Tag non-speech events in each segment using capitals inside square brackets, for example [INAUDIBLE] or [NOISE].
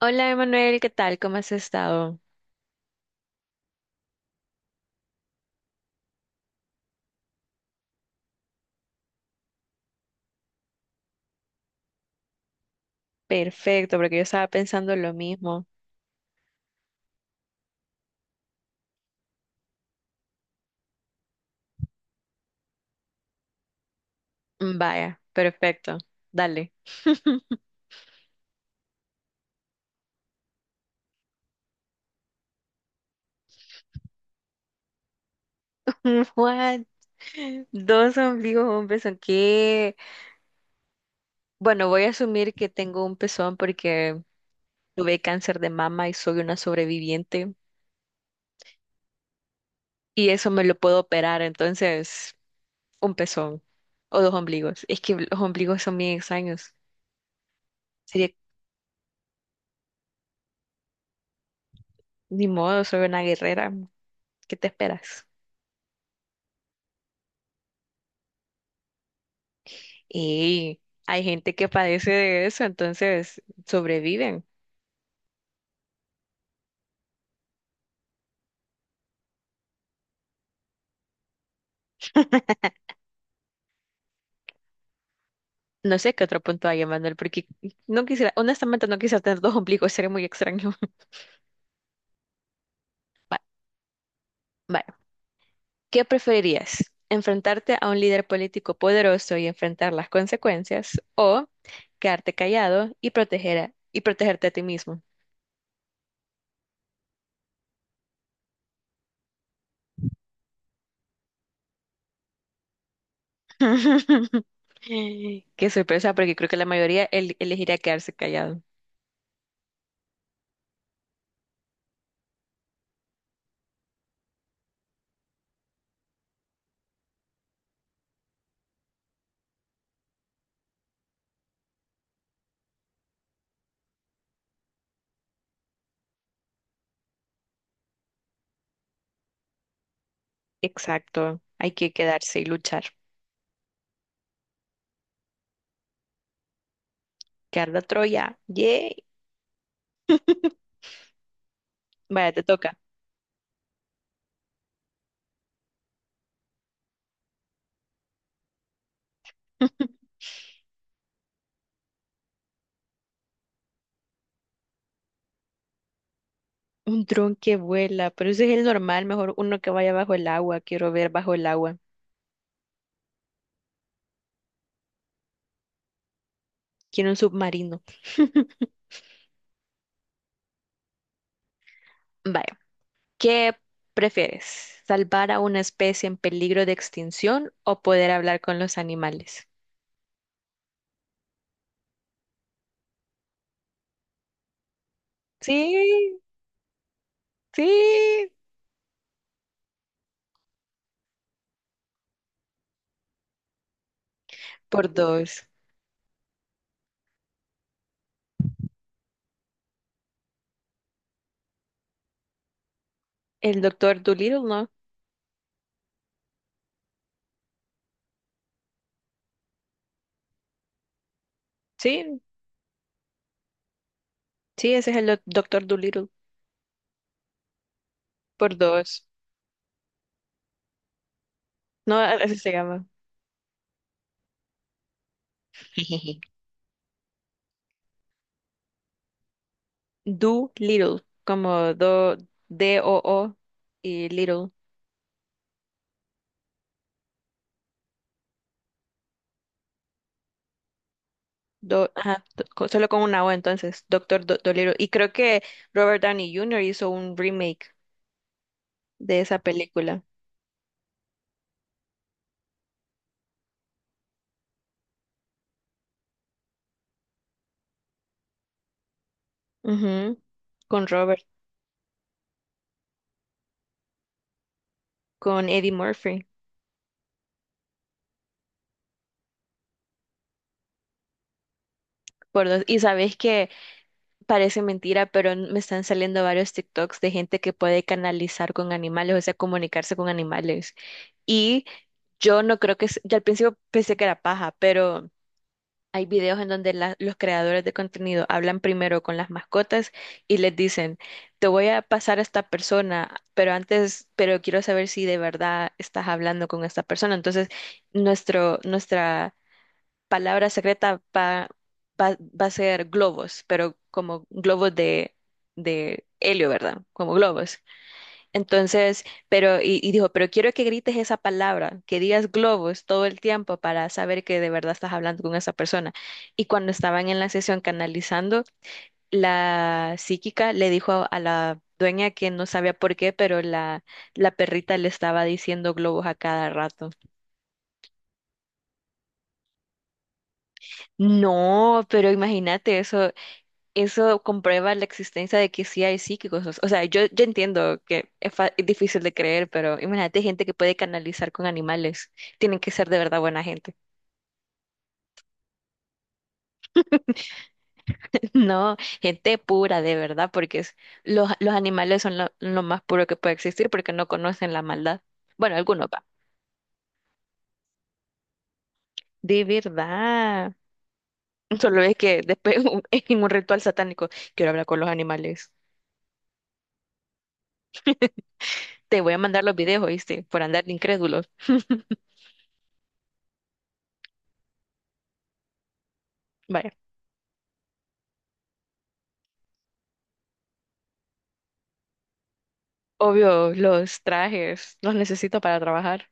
Hola Emanuel, ¿qué tal? ¿Cómo has estado? Perfecto, porque yo estaba pensando lo mismo. Vaya, perfecto. Dale. [LAUGHS] Mm, What? Dos ombligos, un pezón. ¿Qué? Bueno, voy a asumir que tengo un pezón porque tuve cáncer de mama y soy una sobreviviente y eso me lo puedo operar, entonces un pezón o dos ombligos. Es que los ombligos son bien extraños. Sería, ni modo, soy una guerrera. ¿Qué te esperas? Y hay gente que padece de eso, entonces sobreviven. No sé qué otro punto hay, Emanuel, porque no quisiera, honestamente no quisiera tener dos ombligos, sería muy extraño. [LAUGHS] Va- Vale, ¿qué preferirías? ¿Enfrentarte a un líder político poderoso y enfrentar las consecuencias o quedarte callado y protegerte a ti mismo? [LAUGHS] Qué sorpresa, porque creo que la mayoría elegiría quedarse callado. Exacto, hay que quedarse y luchar. Que arda Troya, yay. [LAUGHS] Vaya, te toca. [LAUGHS] Un dron que vuela, pero ese es el normal, mejor uno que vaya bajo el agua. Quiero ver bajo el agua. Quiero un submarino. [LAUGHS] Vaya, ¿qué prefieres? ¿Salvar a una especie en peligro de extinción o poder hablar con los animales? Sí, sí, por dos. El doctor Dolittle, ¿no? Sí, sí, ese es el doctor Dolittle, por dos. No, [LAUGHS] así se llama. [LAUGHS] Do como do, D-O-O y Little. Ajá, solo con una O entonces, Doctor Dolittle. Y creo que Robert Downey Jr. hizo un remake de esa película. Ujú. Con Robert, con Eddie Murphy. Por dos. Y sabes que parece mentira, pero me están saliendo varios TikToks de gente que puede canalizar con animales, o sea, comunicarse con animales. Y yo no creo que, yo al principio pensé que era paja, pero hay videos en donde los creadores de contenido hablan primero con las mascotas y les dicen, te voy a pasar a esta persona, pero antes, pero quiero saber si de verdad estás hablando con esta persona. Entonces, nuestra palabra secreta va a ser globos, pero como globos de helio, ¿verdad? Como globos. Entonces, pero, y dijo, pero quiero que grites esa palabra, que digas globos todo el tiempo para saber que de verdad estás hablando con esa persona. Y cuando estaban en la sesión canalizando, la psíquica le dijo a la dueña que no sabía por qué, pero la perrita le estaba diciendo globos a cada rato. No, pero imagínate eso, eso comprueba la existencia de que sí hay psíquicos. O sea, yo entiendo que es, es difícil de creer, pero imagínate gente que puede canalizar con animales. Tienen que ser de verdad buena gente. [LAUGHS] No, gente pura, de verdad, porque es- los animales son lo más puro que puede existir porque no conocen la maldad. Bueno, algunos va. De verdad. Solo es que después [LAUGHS] en un ritual satánico quiero hablar con los animales. Te voy a mandar los videos, ¿oíste? Por andar de incrédulos. [LAUGHS] Vaya. Obvio, los trajes, los necesito para trabajar.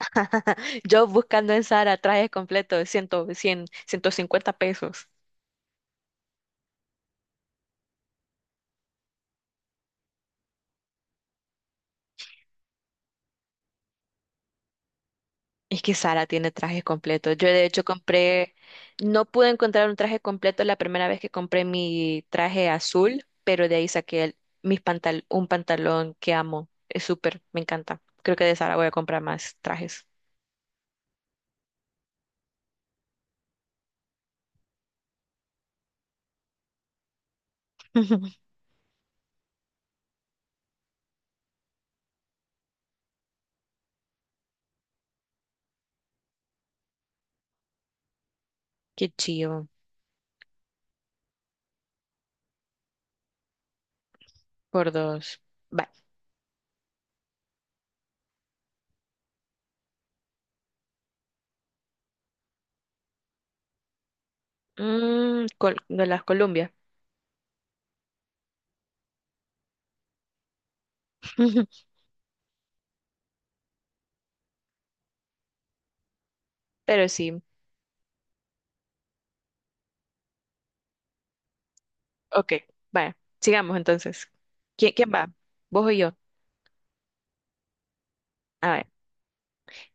[LAUGHS] Yo buscando en Sara trajes completos, de 100 100, 150 pesos. Es que Sara tiene trajes completos. Yo de hecho compré, no pude encontrar un traje completo la primera vez que compré mi traje azul, pero de ahí saqué el- mis pantal un pantalón que amo. Es súper, me encanta. Creo que de Sara voy a comprar más trajes. [LAUGHS] Qué chido. Por dos. Vale. De las Columbia. [LAUGHS] Pero sí. Ok, vaya, sigamos entonces. ¿Quién, quién va? ¿Vos o yo? A ver,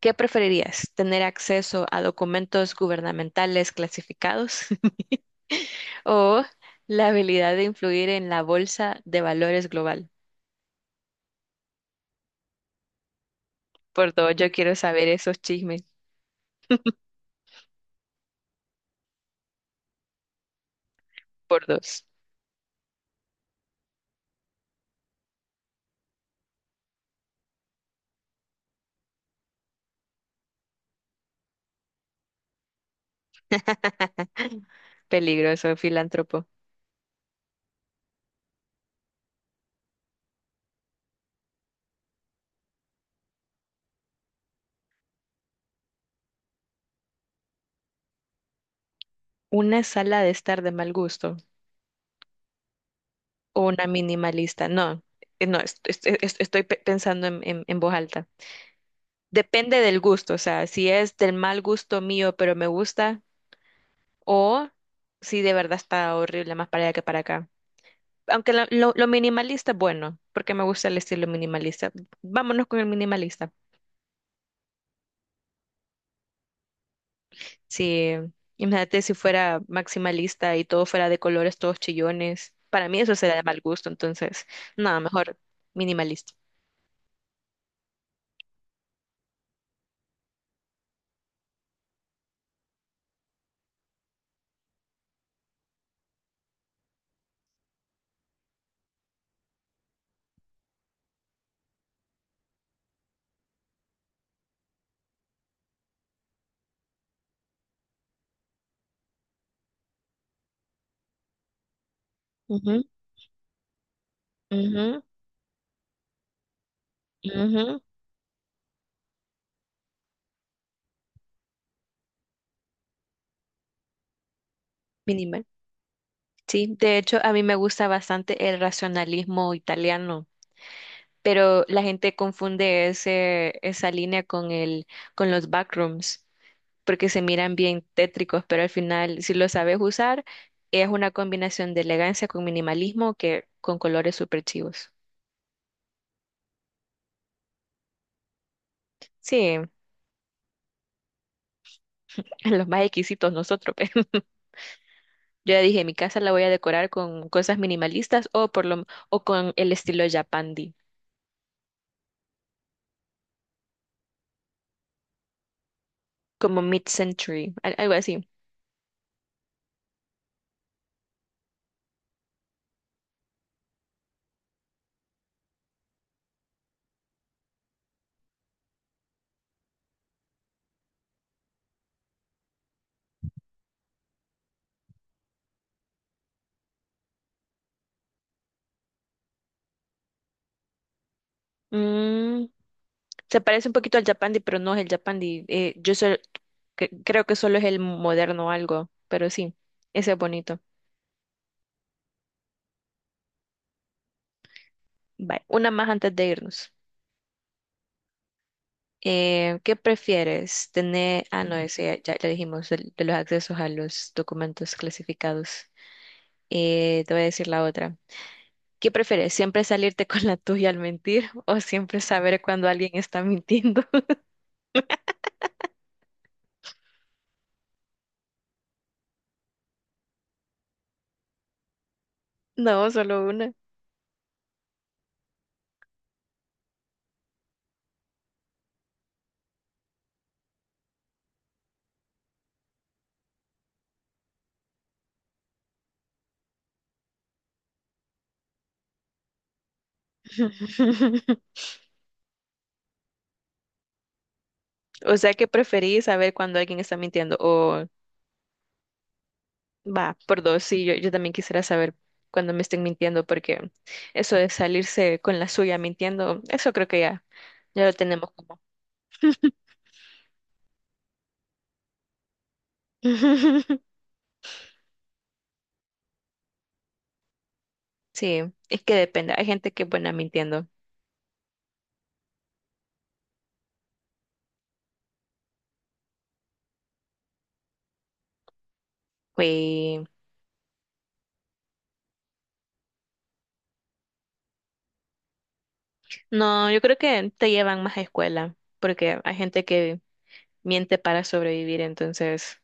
¿qué preferirías? ¿Tener acceso a documentos gubernamentales clasificados [LAUGHS] o la habilidad de influir en la bolsa de valores global? Por dos, yo quiero saber esos chismes. Por dos, peligroso filántropo. ¿Una sala de estar de mal gusto o una minimalista? No, no, estoy pensando en en voz alta. Depende del gusto, o sea, si es del mal gusto mío, pero me gusta, o si de verdad está horrible más para allá que para acá. Aunque lo minimalista es bueno, porque me gusta el estilo minimalista. Vámonos con el minimalista. Sí, imagínate si fuera maximalista y todo fuera de colores, todos chillones. Para mí eso sería de mal gusto, entonces, nada, mejor minimalista. Ujú, ujú, ujú. Minimal. Sí, de hecho, a mí me gusta bastante el racionalismo italiano. Pero la gente confunde esa línea con con los backrooms, porque se miran bien tétricos, pero al final, si lo sabes usar, es una combinación de elegancia con minimalismo que con colores súper chivos. Sí, [LAUGHS] los más exquisitos nosotros. [LAUGHS] pe. Yo ya dije, mi casa la voy a decorar con cosas minimalistas o con el estilo Japandi, como mid-century, algo así. Mm, Se parece un poquito al Japandi, pero no es el Japandi. Creo que solo es el moderno algo, pero sí, ese es bonito. Vale, una más antes de irnos. ¿Qué prefieres? Tener, no, ese ya dijimos, de, los accesos a los documentos clasificados. Te voy a decir la otra. ¿Qué prefieres? ¿Siempre salirte con la tuya al mentir [LAUGHS] o siempre saber cuando alguien está mintiendo? [LAUGHS] No, solo una. [LAUGHS] O sea, ¿qué preferís saber cuando alguien está mintiendo? O va, por dos, sí, yo también quisiera saber cuando me estén mintiendo, porque eso de salirse con la suya mintiendo, eso creo que ya lo tenemos como. [LAUGHS] Sí, es que depende, hay gente que es buena mintiendo. Y no, yo creo que te llevan más a escuela, porque hay gente que miente para sobrevivir, entonces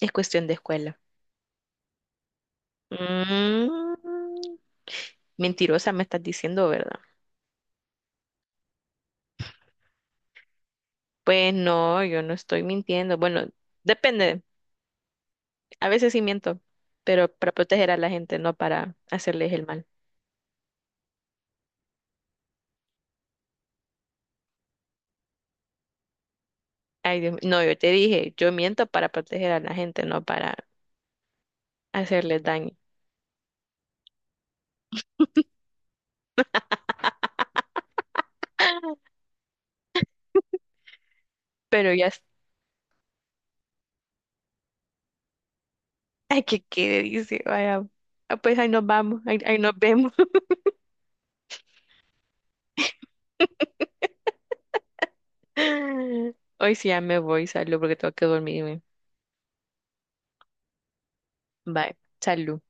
es cuestión de escuela. Mm, mentirosa me estás diciendo, ¿verdad? Pues no, yo no estoy mintiendo. Bueno, depende. A veces sí miento, pero para proteger a la gente, no para hacerles el mal. Ay, Dios, mío. No, yo te dije, yo miento para proteger a la gente, no para hacerles daño. Pero ya, es- [LAUGHS] ay, que quede, dice, vaya, pues ahí nos vamos, ahí nos vemos. [LAUGHS] Hoy sí ya me voy, salud, porque tengo que dormirme. Bye, salud.